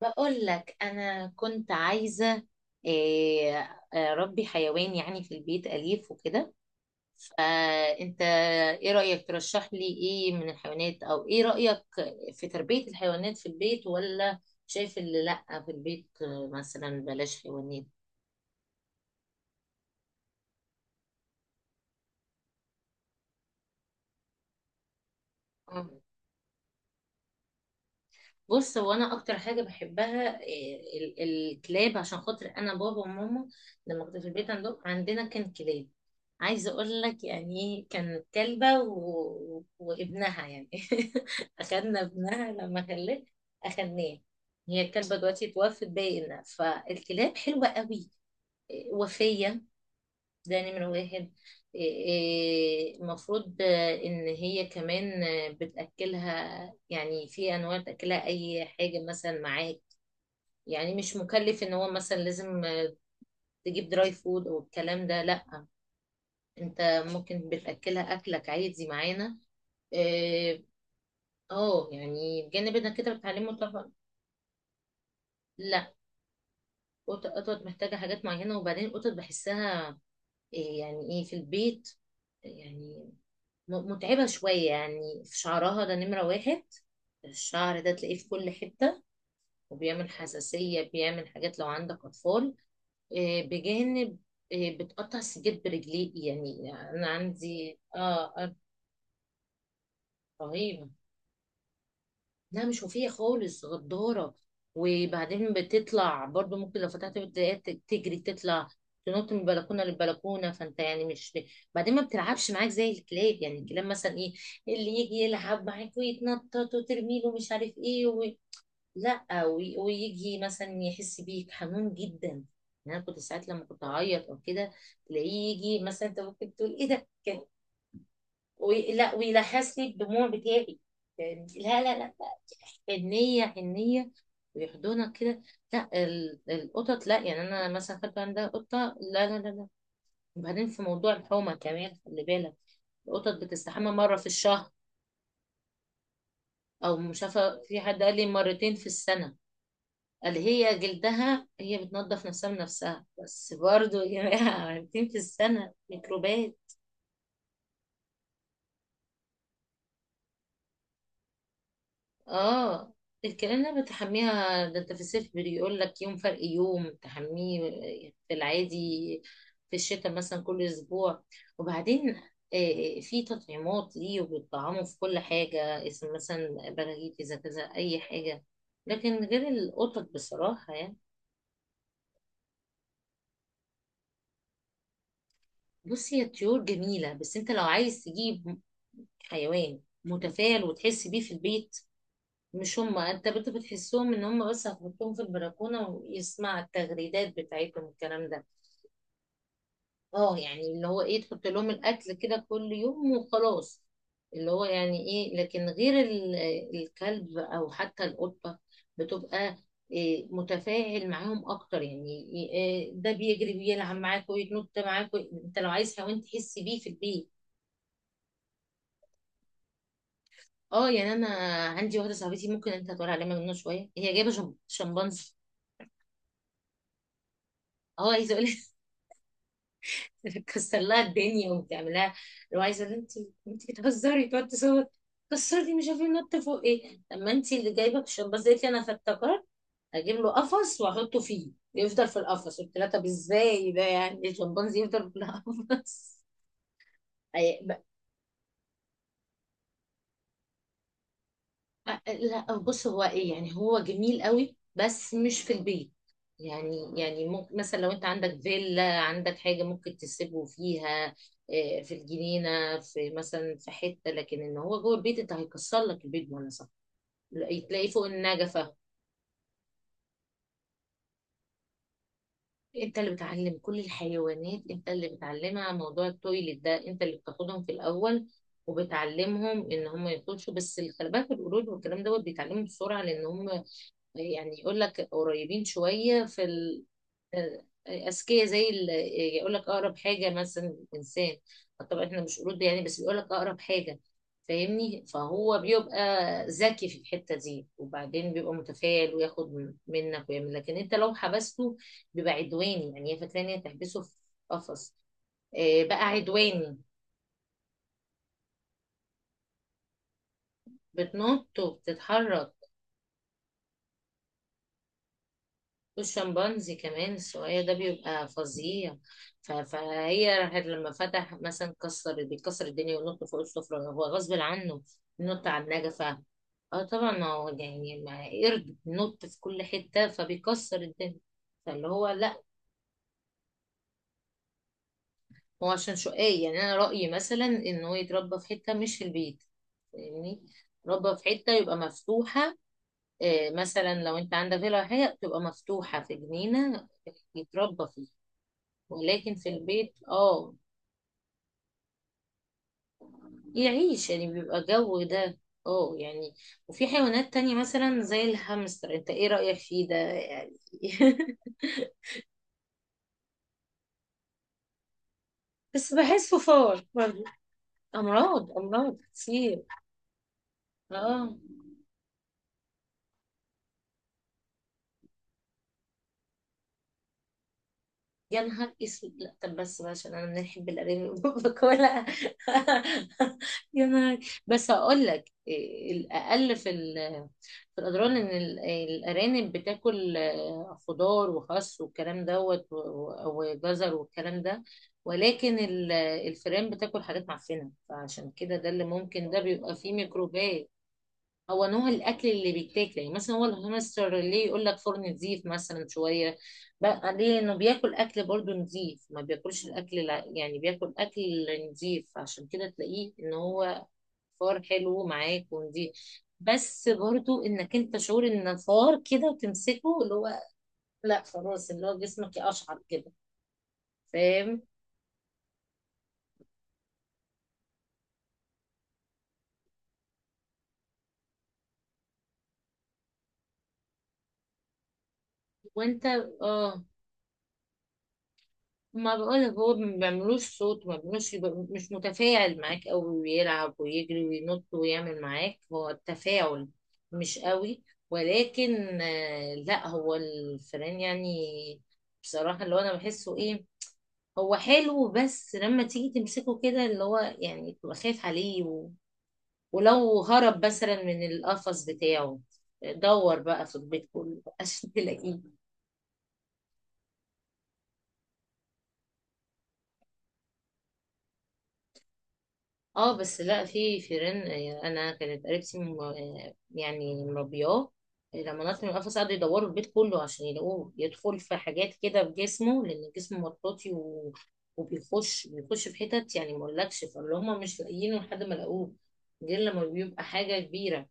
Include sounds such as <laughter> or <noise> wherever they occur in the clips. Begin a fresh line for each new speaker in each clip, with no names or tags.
بقول لك انا كنت عايزه إيه، اربي حيوان يعني في البيت اليف وكده. فانت ايه رايك ترشح لي ايه من الحيوانات؟ او ايه رايك في تربيه الحيوانات في البيت ولا شايف اللي لا في البيت؟ مثلا بلاش حيوانات. بص، هو انا اكتر حاجه بحبها الكلاب، عشان خاطر انا بابا وماما لما كنت في البيت عندنا كان كلاب. عايزه اقول لك يعني كان كلبه وابنها يعني <laughs> اخدنا ابنها لما خلاه، اخدناه. هي الكلبه دلوقتي اتوفت باينه، فالكلاب حلوه قوي. وفيه، ده نمرة واحد. المفروض ان هي كمان بتأكلها، يعني في انواع بتأكلها اي حاجة مثلا معاك، يعني مش مكلف ان هو مثلا لازم تجيب دراي فود او الكلام ده. لا، انت ممكن بتأكلها اكلك عادي معانا إيه، اه يعني بجانب انك كده بتعلمه طبعا. لا، قطط محتاجة حاجات معينة، وبعدين القطط بحسها يعني ايه في البيت، يعني متعبة شوية يعني في شعرها، ده نمرة واحد. الشعر ده تلاقيه في كل حتة، وبيعمل حساسية، بيعمل حاجات لو عندك أطفال. بجانب بتقطع السجاد برجليك، يعني أنا عندي رهيبة. لا، مش وفية خالص، غدارة، وبعدين بتطلع برضو، ممكن لو فتحت بتلاقيها تجري تطلع، تنط من بلكونة للبلكونة، فانت يعني مش. بعدين ما بتلعبش معاك زي الكلاب، يعني الكلاب مثلا ايه اللي يجي يلعب معاك ويتنطط وترمي له مش عارف ايه لا ويجي مثلا يحس بيك، حنون جدا. يعني انا كنت ساعات لما كنت اعيط او كده تلاقيه يجي، مثلا انت ممكن تقول ايه ده كان لا ويلهس لي الدموع بتاعي يعني. لا لا لا لا، حنية حنية، ويحضنك كده. لا القطط لا، يعني انا مثلا خدت عندها قطة، لا لا لا لا. وبعدين في موضوع الحومة كمان، خلي بالك، القطط بتستحمى مرة في الشهر، او مش عارفة، في حد قال لي مرتين في السنة. قال هي جلدها هي بتنظف نفسها بنفسها، بس برضو يا جماعة مرتين في السنة ميكروبات. اه، الكلام ده بتحميها، ده انت في الصيف بيقول لك يوم فرق يوم تحميه في العادي، في الشتاء مثلا كل اسبوع. وبعدين آه، في تطعيمات ليه، وبيطعموا في كل حاجة، اسم مثلا براغيث اذا كذا اي حاجة، لكن غير القطط بصراحة يعني. بصي، هي طيور جميلة، بس انت لو عايز تجيب حيوان متفائل وتحس بيه في البيت، مش هما. انت بتحسهم ان هما بس هتحطهم في البلكونه ويسمع التغريدات بتاعتهم الكلام ده. اه يعني اللي هو ايه، تحط لهم الاكل كده كل يوم وخلاص، اللي هو يعني ايه. لكن غير الكلب او حتى القطه بتبقى إيه متفاعل معاهم اكتر، يعني إيه؟ ده بيجري بيلعب معاك ويتنط معاك انت لو عايز حيوان تحس بيه في البيت. اه يعني انا عندي واحده صاحبتي، ممكن انت هتقول عليها مجنونه شويه، هي جايبه شمبانزي. اه عايزه اقول، تكسر لها الدنيا وتعمل لها لو عايزه، انت انت بتهزري، تقعد تصوت كسرتي مش عارفه ايه، نط فوق ايه. لما انت اللي جايبه الشمباز قالت لي انا، فافتكرت اجيب له قفص واحطه فيه يفضل في القفص. قلت لها: طب ازاي ده؟ يعني الشمبانزي يفضل في القفص؟ <laughs> أي- لا، بص، هو ايه، يعني هو جميل قوي بس مش في البيت. يعني ممكن مثلا لو انت عندك فيلا عندك حاجة ممكن تسيبه فيها. في الجنينة في، مثلا في حتة، لكن ان هو جوه البيت، انت هيكسر لك البيت وانا صح. لا، تلاقيه فوق النجفة. انت اللي بتعلم كل الحيوانات، انت اللي بتعلمها موضوع التويلت ده، انت اللي بتاخدهم في الاول وبتعلمهم ان هم يخشوا، بس الكلبات والقرود والكلام دوت بيتعلموا بسرعة، لان هم يعني يقول لك قريبين شوية في ال... أذكياء زي ال... يقول لك أقرب حاجة مثلا إنسان. طبعا إحنا مش قرود يعني، بس بيقول لك أقرب حاجة، فاهمني؟ فهو بيبقى ذكي في الحتة دي، وبعدين بيبقى متفائل وياخد منك ويعمل، لكن أنت لو حبسته بيبقى عدواني، يعني هي فاكرة إن هي تحبسه في قفص. بقى عدواني، بتنط وبتتحرك. والشمبانزي كمان السؤال ده بيبقى فظيع. فهي راحت لما فتح، مثلا كسر بيكسر الدنيا وينط فوق السفرة، هو غصب عنه ينط على النجفة. اه طبعا، ما هو يعني ما قرد بينط في كل حتة فبيكسر الدنيا، فاللي هو لا. هو عشان شقاي، يعني انا رأيي مثلا ان هو يتربى في حتة مش في البيت، فاهمني؟ ربى في حتة يبقى مفتوحة. مثلا لو انت عندك فيلا ولا حاجة تبقى مفتوحة في جنينة يتربى فيها، ولكن في البيت اه، يعيش يعني بيبقى جو ده. اه يعني، وفي حيوانات تانية مثلا زي الهامستر، انت ايه رأيك فيه ده يعني؟ <laughs> بس بحسه فار برضه. امراض امراض كتير. اه، يا نهار اسود. لا طب بس بقى، عشان انا بنحب الارانب <laughs> باكلها، يا نهار. بس هقول لك الاقل في في الاضرار ان الارانب بتاكل خضار وخس والكلام دوت وجزر والكلام ده، ولكن الفئران بتاكل حاجات معفنه، فعشان كده ده اللي ممكن ده بيبقى فيه ميكروبات. هو نوع الاكل اللي بيتاكل، يعني مثلا هو الهامستر ليه يقول لك فرن نظيف مثلا شويه؟ بقى ليه انه بياكل اكل برضه نظيف، ما بياكلش الاكل يعني بياكل اكل نظيف، عشان كده تلاقيه ان هو فار حلو معاك ونظيف، بس برضه انك انت شعور ان فار كده تمسكه، اللي هو لا خلاص، اللي هو جسمك يقشعر كده، فاهم؟ وانت. اه، ما بقولك هو ما بيعملوش صوت، ما بيعملوش يبقى مش متفاعل معاك أوي ويلعب ويجري وينط ويعمل معاك، هو التفاعل مش قوي. ولكن لا، هو الفئران يعني، بصراحة اللي هو أنا بحسه إيه، هو حلو، بس لما تيجي تمسكه كده اللي هو يعني تبقى خايف عليه ولو هرب مثلا من القفص بتاعه دور بقى في البيت كله عشان تلاقيه. اه بس لا، في فيران انا كانت قريبتي يعني مربياه. لما نط من القفص قعدوا يدوروا البيت كله عشان يلاقوه، يدخل في حاجات كده في جسمه، لان جسمه مطاطي وبيخش بيخش في حتت يعني ما اقولكش، فاللي هم مش لاقيينه لحد ما لقوه، غير لما بيبقى حاجه كبيره.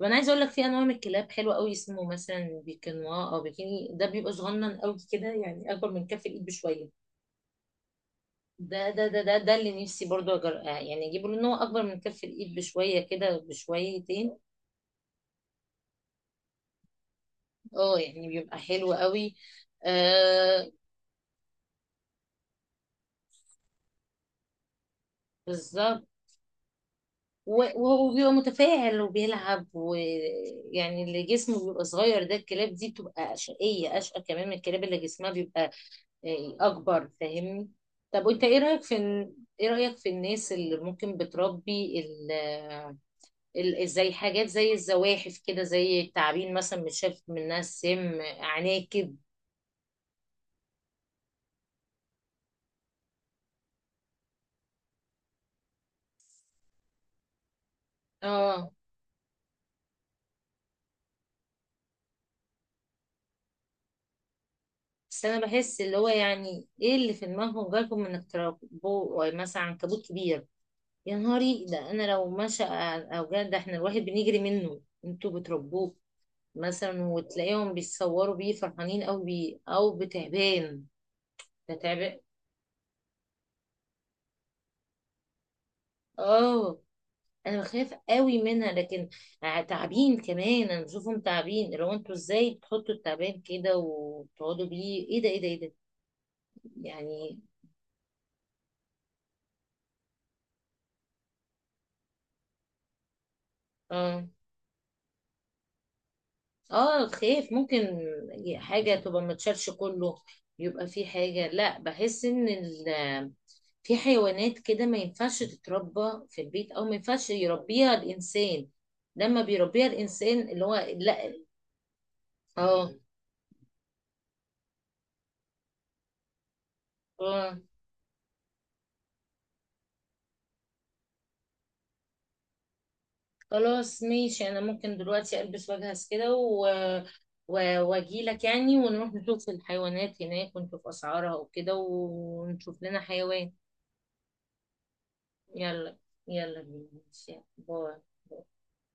وانا عايزه اقول لك في انواع من الكلاب حلوه قوي، اسمه مثلا بيكنوا او بيكيني، ده بيبقى صغنن قوي كده، يعني اكبر من كف الايد بشويه. ده اللي نفسي برضو أجر... آه، يعني اجيبه، لان هو اكبر من كف الايد بشويه كده بشويتين. اه يعني بيبقى حلو قوي. آه بالظبط، وهو بيبقى متفاعل وبيلعب ويعني، اللي جسمه بيبقى صغير ده، الكلاب دي بتبقى شقيه، اشقى كمان من الكلاب اللي جسمها بيبقى اكبر، فاهمني؟ طب وانت ايه رايك في ايه رايك في الناس اللي ممكن بتربي زي حاجات زي الزواحف كده، زي التعابين مثلا بتشاف منها السم، عناكب؟ اه، بس انا بحس اللي هو يعني ايه اللي في دماغهم جالكم انك تربوه مثلا عنكبوت كبير؟ يا نهاري ده، انا لو مشى او جه ده احنا الواحد بنجري منه، انتوا بتربوه مثلا وتلاقيهم بيتصوروا بيه فرحانين قوي بيه، او بتعبان، ده تعبان. اه، انا بخاف قوي منها، لكن تعبين كمان، انا بشوفهم تعبين. لو انتوا ازاي بتحطوا التعبان كده وتقعدوا بيه، ايه ده ايه ده ايه ده يعني؟ اه اه، خايف ممكن حاجة تبقى ما تشالش كله، يبقى في حاجة، لا، بحس ان ال، في حيوانات كده ما ينفعش تتربى في البيت، او ما ينفعش يربيها الانسان، لما بيربيها الانسان اللي هو لا. اه اه، خلاص ماشي، انا ممكن دلوقتي البس واجهز كده واجيلك يعني ونروح نشوف الحيوانات هناك ونشوف اسعارها وكده ونشوف لنا حيوان. يلا، يلا بينا، ماشي. باي.